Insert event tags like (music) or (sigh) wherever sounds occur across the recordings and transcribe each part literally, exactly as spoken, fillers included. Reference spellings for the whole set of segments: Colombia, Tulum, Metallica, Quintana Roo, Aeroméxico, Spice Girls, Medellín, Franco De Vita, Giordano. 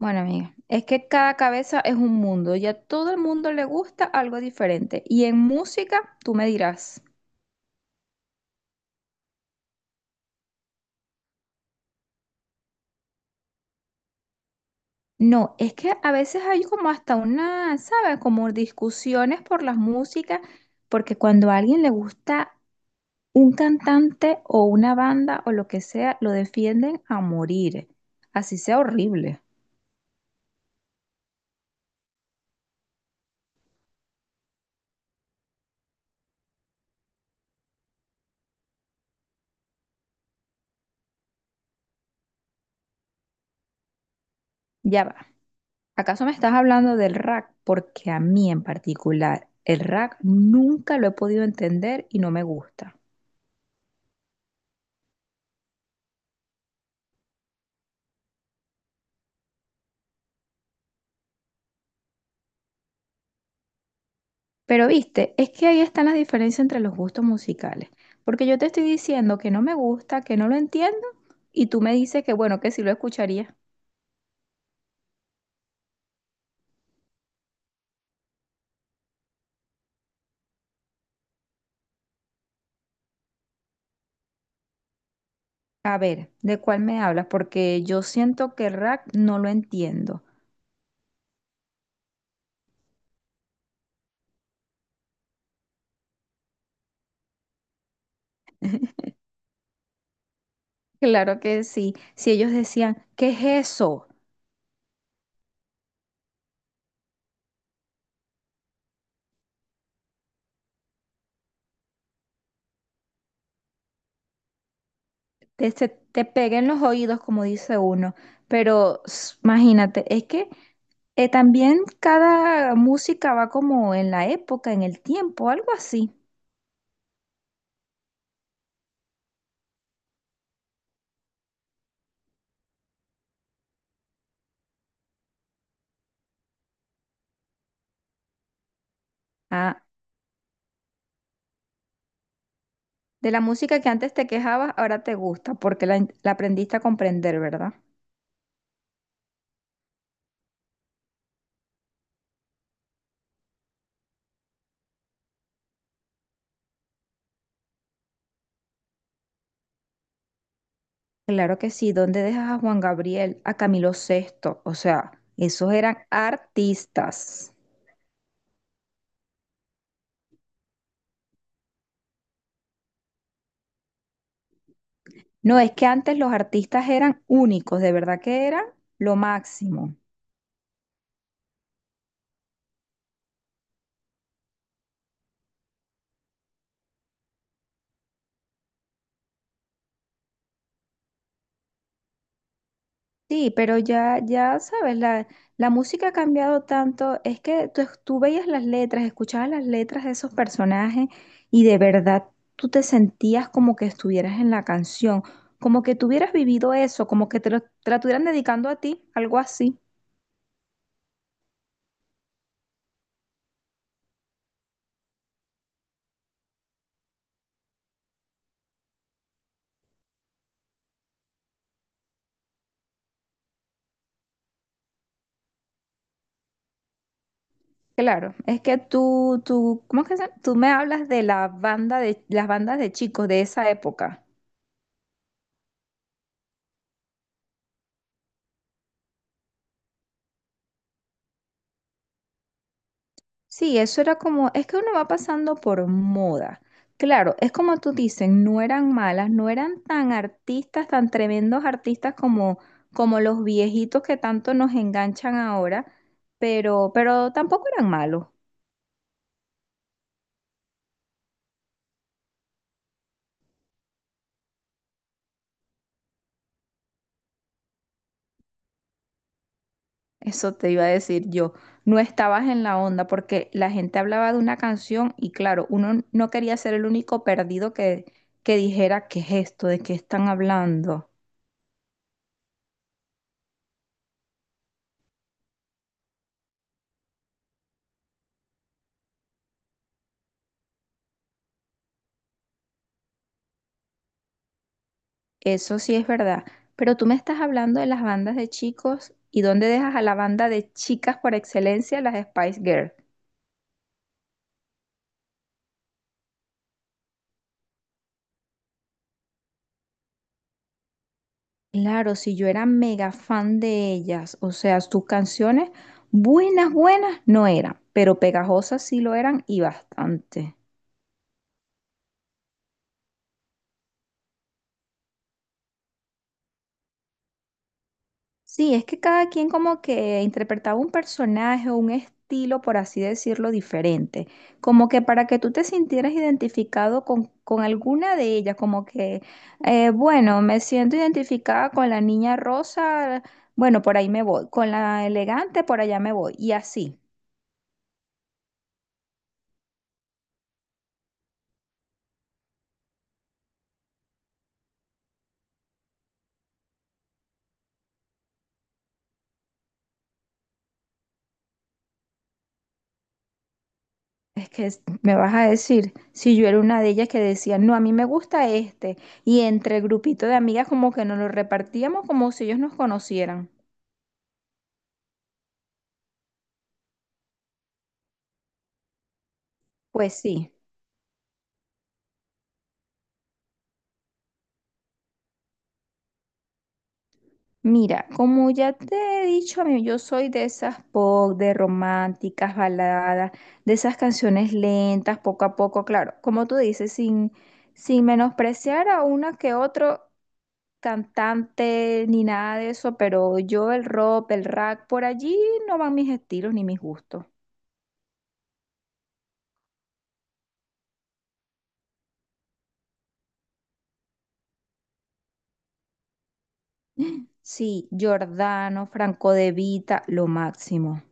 Bueno, amiga, es que cada cabeza es un mundo y a todo el mundo le gusta algo diferente. Y en música, tú me dirás, no, es que a veces hay como hasta una, ¿sabes? Como discusiones por las músicas, porque cuando a alguien le gusta un cantante o una banda o lo que sea, lo defienden a morir, así sea horrible. Ya va. ¿Acaso me estás hablando del rap? Porque a mí en particular, el rap nunca lo he podido entender y no me gusta. Pero viste, es que ahí están las diferencias entre los gustos musicales. Porque yo te estoy diciendo que no me gusta, que no lo entiendo, y tú me dices que bueno, que sí lo escucharía. A ver, ¿de cuál me hablas? Porque yo siento que rap no lo entiendo. (laughs) Claro que sí. Si ellos decían, ¿qué es eso? Te, se- te peguen los oídos, como dice uno. Pero s- imagínate, es que eh, también cada música va como en la época, en el tiempo, algo así. Ah, de la música que antes te quejabas, ahora te gusta, porque la, en- la aprendiste a comprender, ¿verdad? Claro que sí. ¿Dónde dejas a Juan Gabriel, a Camilo Sesto? O sea, esos eran artistas. No, es que antes los artistas eran únicos, de verdad que eran lo máximo. Sí, pero ya, ya sabes, la, la música ha cambiado tanto, es que tú, tú veías las letras, escuchabas las letras de esos personajes y de verdad tú te sentías como que estuvieras en la canción, como que tuvieras vivido eso, como que te lo, te la estuvieran dedicando a ti, algo así. Claro, es que tú, tú, ¿cómo es que se llama? Tú me hablas de la banda de, las bandas de chicos de esa época. Sí, eso era como, es que uno va pasando por moda. Claro, es como tú dices, no eran malas, no eran tan artistas, tan tremendos artistas como, como los viejitos que tanto nos enganchan ahora, pero, pero tampoco eran malos. Eso te iba a decir yo. No estabas en la onda porque la gente hablaba de una canción y claro, uno no quería ser el único perdido que, que dijera, ¿qué es esto? ¿De qué están hablando? Eso sí es verdad. Pero tú me estás hablando de las bandas de chicos y dónde dejas a la banda de chicas por excelencia, las Spice Girls. Claro, si yo era mega fan de ellas, o sea, sus canciones buenas, buenas no eran, pero pegajosas sí lo eran y bastante. Sí, es que cada quien como que interpretaba un personaje o un estilo, por así decirlo, diferente. Como que para que tú te sintieras identificado con, con alguna de ellas, como que, eh, bueno, me siento identificada con la niña rosa, bueno, por ahí me voy, con la elegante, por allá me voy, y así. Es que es- me vas a decir, si yo era una de ellas que decía, no, a mí me gusta este, y entre el grupito de amigas como que nos lo repartíamos como si ellos nos conocieran. Pues sí. Mira, como ya te he dicho, a mí yo soy de esas pop, de románticas, baladas, de esas canciones lentas, poco a poco, claro, como tú dices, sin, sin menospreciar a una que otro cantante ni nada de eso, pero yo el rock, el rap, por allí no van mis estilos ni mis gustos. (gasps) Sí, Giordano, Franco De Vita, lo máximo.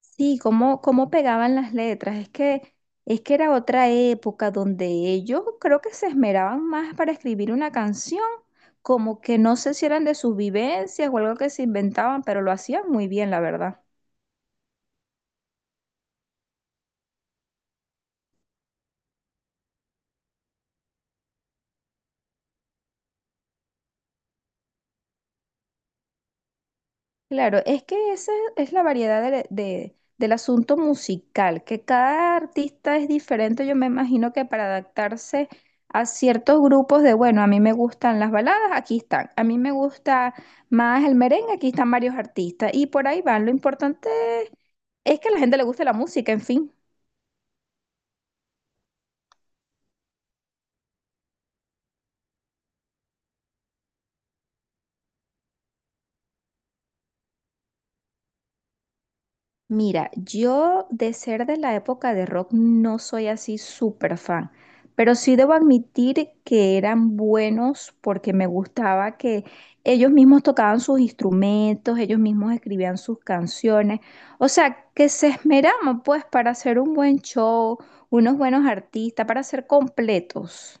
Sí, cómo, cómo pegaban las letras. Es que, es que era otra época donde ellos creo que se esmeraban más para escribir una canción, como que no sé si eran de sus vivencias o algo que se inventaban, pero lo hacían muy bien, la verdad. Claro, es que esa es la variedad de- de- del asunto musical, que cada artista es diferente, yo me imagino que para adaptarse a ciertos grupos de, bueno, a mí me gustan las baladas, aquí están, a mí me gusta más el merengue, aquí están varios artistas, y por ahí van. Lo importante es que a la gente le guste la música, en fin. Mira, yo de ser de la época de rock no soy así súper fan, pero sí debo admitir que eran buenos porque me gustaba que ellos mismos tocaban sus instrumentos, ellos mismos escribían sus canciones, o sea, que se esmeraban pues para hacer un buen show, unos buenos artistas, para ser completos.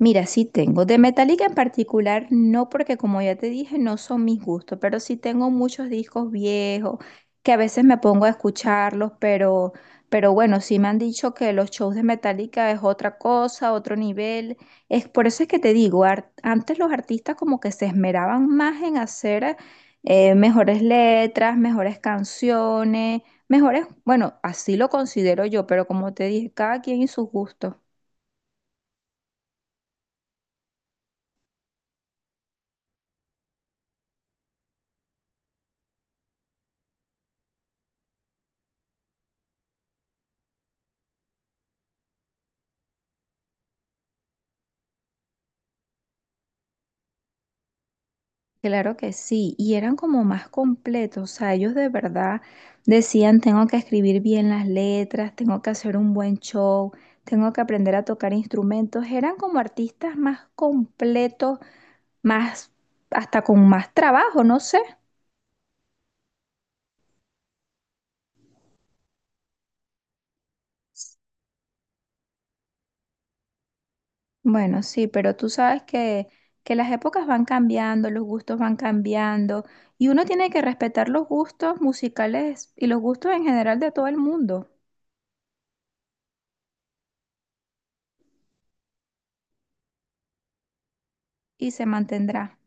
Mira, sí tengo. De Metallica en particular, no porque como ya te dije, no son mis gustos, pero sí tengo muchos discos viejos que a veces me pongo a escucharlos, pero, pero bueno, sí me han dicho que los shows de Metallica es otra cosa, otro nivel. Es por eso es que te digo, ar- antes los artistas como que se esmeraban más en hacer eh, mejores letras, mejores canciones, mejores, bueno, así lo considero yo, pero como te dije, cada quien y sus gustos. Claro que sí, y eran como más completos, o sea, ellos de verdad decían, tengo que escribir bien las letras, tengo que hacer un buen show, tengo que aprender a tocar instrumentos, eran como artistas más completos, más, hasta con más trabajo, no sé. Bueno, sí, pero tú sabes que, que las épocas van cambiando, los gustos van cambiando, y uno tiene que respetar los gustos musicales y los gustos en general de todo el mundo, y se mantendrá.